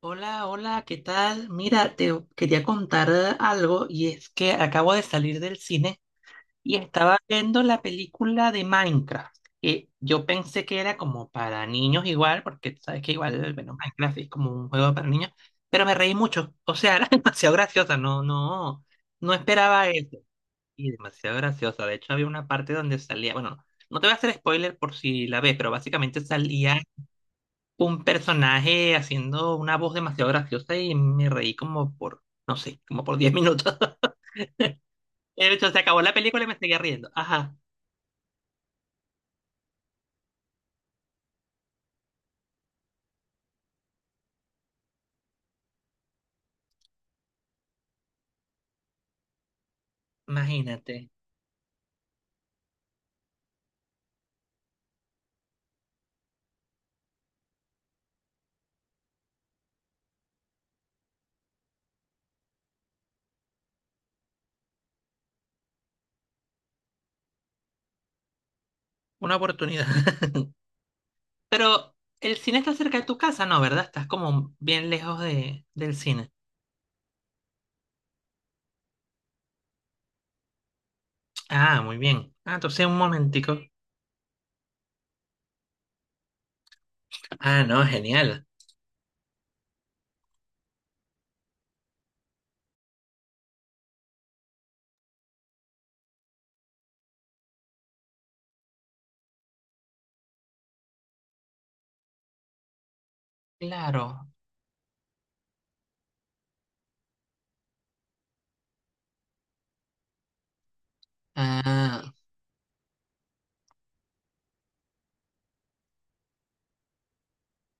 Hola, hola, ¿qué tal? Mira, te quería contar algo, y es que acabo de salir del cine y estaba viendo la película de Minecraft, que yo pensé que era como para niños igual, porque tú sabes que igual, bueno, Minecraft es como un juego para niños, pero me reí mucho, o sea, era demasiado graciosa. No, no, no esperaba eso, y demasiado graciosa. De hecho, había una parte donde salía, bueno, no te voy a hacer spoiler por si la ves, pero básicamente salía un personaje haciendo una voz demasiado graciosa y me reí como por, no sé, como por 10 minutos. De hecho, se acabó la película y me seguía riendo. Ajá, imagínate, una oportunidad. Pero el cine está cerca de tu casa, ¿no? ¿Verdad? Estás como bien lejos del cine. Ah, muy bien. Ah, entonces un momentico. Ah, no, genial. Claro. Ah,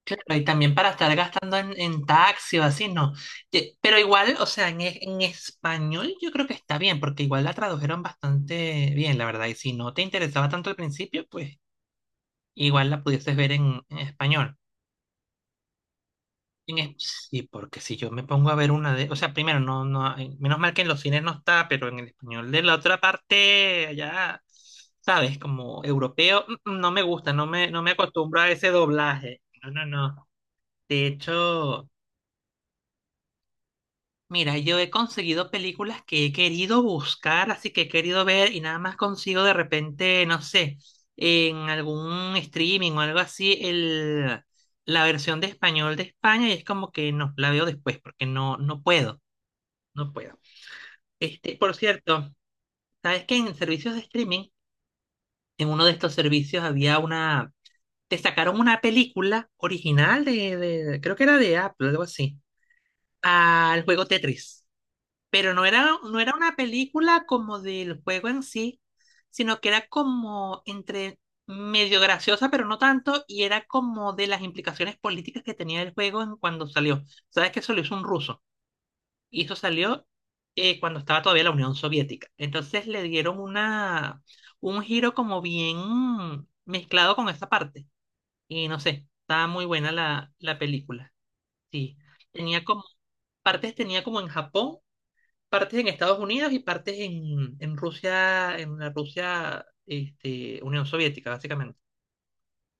claro, y también para estar gastando en, taxi o así, no. Pero igual, o sea, en, en español yo creo que está bien, porque igual la tradujeron bastante bien, la verdad. Y si no te interesaba tanto al principio, pues igual la pudieses ver en español. En es- sí, porque si yo me pongo a ver una de, o sea, primero, no, no, menos mal que en los cines no está, pero en el español de la otra parte, ya, sabes, como europeo, no me gusta, no me acostumbro a ese doblaje. No, no, no. De hecho. Mira, yo he conseguido películas que he querido buscar, así que he querido ver y nada más consigo de repente, no sé, en algún streaming o algo así, la versión de español de España, y es como que no, la veo después porque no puedo, no puedo. Este, por cierto, ¿sabes que en servicios de streaming, en uno de estos servicios había te sacaron una película original de, creo que era de Apple, algo así, al juego Tetris? Pero no era una película como del juego en sí, sino que era como entre medio graciosa, pero no tanto, y era como de las implicaciones políticas que tenía el juego en cuando salió. Sabes que eso lo hizo un ruso, y eso salió cuando estaba todavía la Unión Soviética. Entonces le dieron un giro como bien mezclado con esa parte. Y no sé, estaba muy buena la película. Sí, tenía como, en Japón, partes en Estados Unidos y partes en Rusia, en la Rusia, Unión Soviética, básicamente.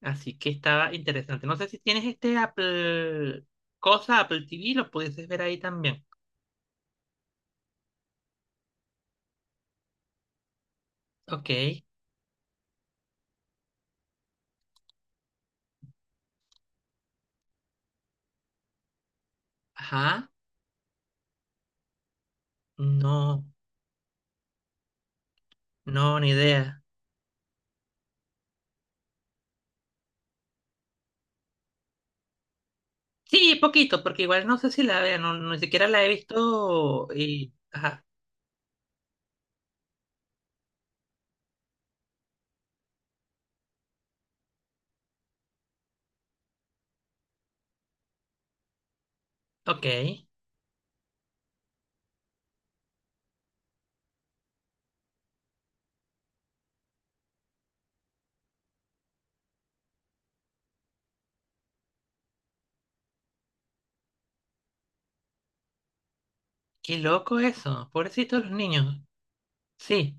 Así que estaba interesante. No sé si tienes este Apple cosa, Apple TV, lo pudieses ver ahí también. Ok, ajá. No, no, ni idea. Sí, poquito, porque igual no sé si la vea, ni siquiera la he visto y... Ajá, ok. Qué loco eso, pobrecitos los niños. Sí,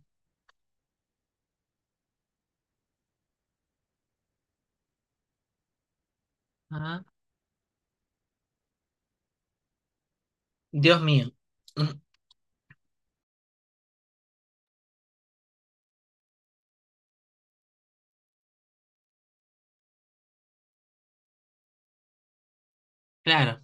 ajá. Dios mío. Mm, claro,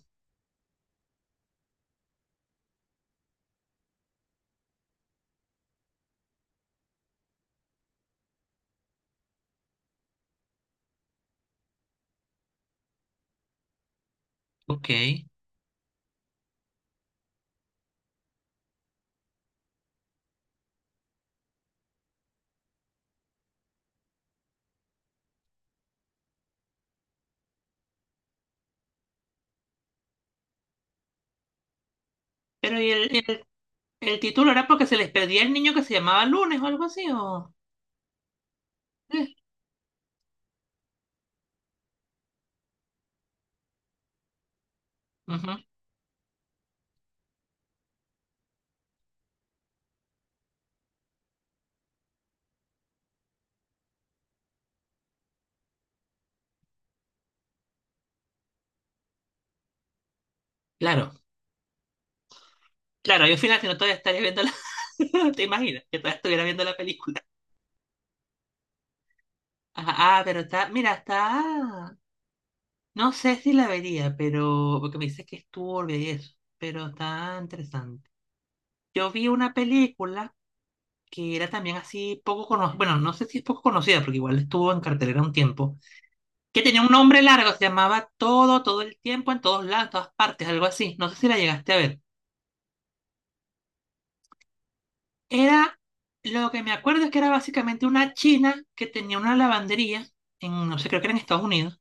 ok. Pero, el título era porque se les perdía el niño que se llamaba Lunes o algo así, o... Sí. Ujú. Claro, claro, yo al final si no todavía estaría viendo la... ¿Te imaginas? Que todavía estuviera viendo la película. Ah, ah, pero está, mira, está... No sé si la vería, pero... Porque me dice que es turbia y eso, pero está interesante. Yo vi una película que era también así poco conocida, bueno, no sé si es poco conocida, porque igual estuvo en cartelera un tiempo, que tenía un nombre largo, se llamaba Todo, todo el tiempo, en todos lados, en todas partes, algo así. No sé si la llegaste a ver. Era, lo que me acuerdo es que era básicamente una china que tenía una lavandería, no sé, creo que era en Estados Unidos,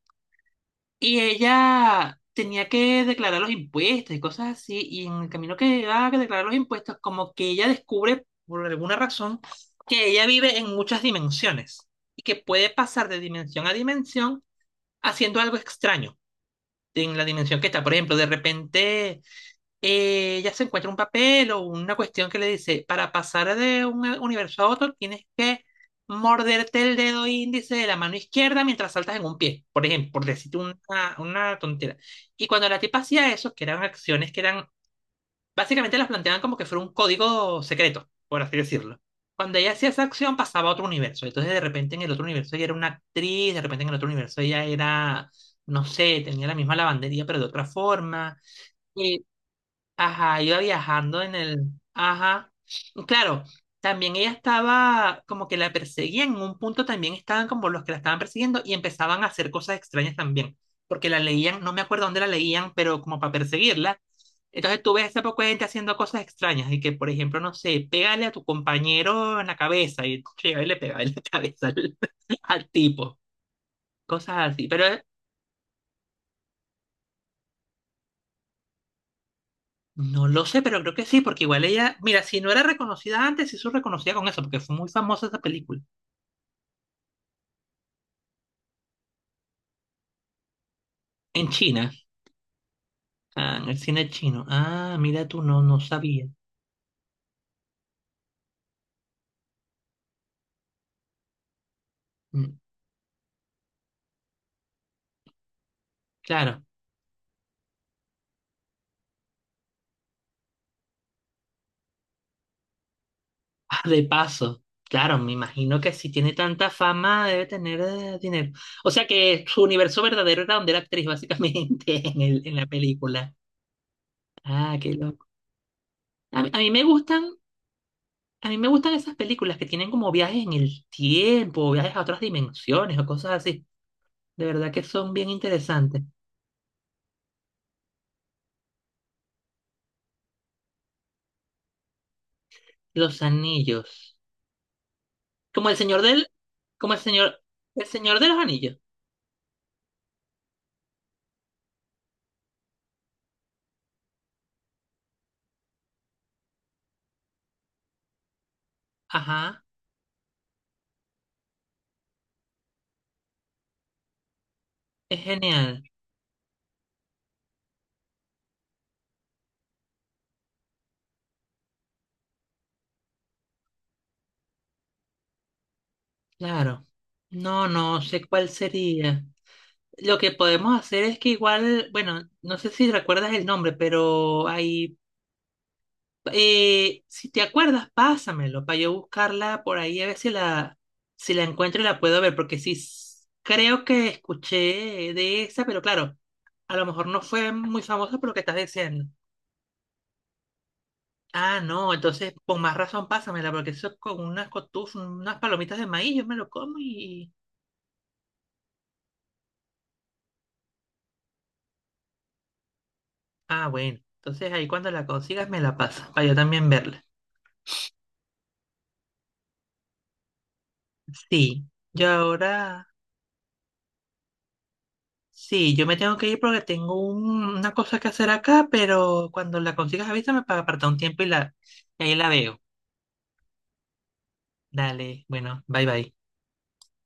y ella tenía que declarar los impuestos y cosas así, y en el camino que iba a declarar los impuestos, como que ella descubre, por alguna razón, que ella vive en muchas dimensiones y que puede pasar de dimensión a dimensión haciendo algo extraño en la dimensión que está. Por ejemplo, de repente ella se encuentra un papel o una cuestión que le dice, para pasar de un universo a otro tienes que morderte el dedo índice de la mano izquierda mientras saltas en un pie, por ejemplo, por decirte una, tontera. Y cuando la tipa hacía eso, que eran acciones que eran, básicamente las planteaban como que fuera un código secreto, por así decirlo. Cuando ella hacía esa acción pasaba a otro universo, entonces de repente en el otro universo ella era una actriz, de repente en el otro universo ella era, no sé, tenía la misma lavandería pero de otra forma. Eh, Ajá, iba viajando en el... Ajá. Claro, también ella estaba como que la perseguían, en un punto también estaban como los que la estaban persiguiendo y empezaban a hacer cosas extrañas también, porque la leían, no me acuerdo dónde la leían, pero como para perseguirla. Entonces tú ves a ese poco de gente haciendo cosas extrañas y que, por ejemplo, no sé, pégale a tu compañero en la cabeza y llega y le pega en la cabeza al tipo, cosas así. Pero no lo sé, pero creo que sí, porque igual ella, mira, si no era reconocida antes, sí se reconocía con eso, porque fue muy famosa esa película. En China, ah, en el cine chino. Ah, mira tú, no sabía. Mm, claro. Ah, de paso. Claro, me imagino que si tiene tanta fama, debe tener dinero. O sea que su universo verdadero era donde era actriz, básicamente, en el, en la, película. Ah, qué loco. A, mí a mí me gustan, a mí me gustan esas películas que tienen como viajes en el tiempo, viajes a otras dimensiones o cosas así. De verdad que son bien interesantes. Los anillos. Como el señor del, como el señor de los anillos. Ajá, es genial, claro. No, no sé cuál sería. Lo que podemos hacer es que igual, bueno, no sé si recuerdas el nombre, pero ahí, si te acuerdas, pásamelo para yo buscarla por ahí a ver si la encuentro y la puedo ver, porque sí, creo que escuché de esa, pero claro, a lo mejor no fue muy famosa por lo que estás diciendo. Ah, no, entonces con más razón pásamela, porque eso con unas cotufas, unas palomitas de maíz, yo me lo como y... Ah, bueno, entonces ahí cuando la consigas me la pasas, para yo también verla. Sí, yo ahora... Sí, yo me tengo que ir porque tengo una cosa que hacer acá, pero cuando la consigas avísame para apartar un tiempo y, la... y ahí la veo. Dale, bueno, bye bye.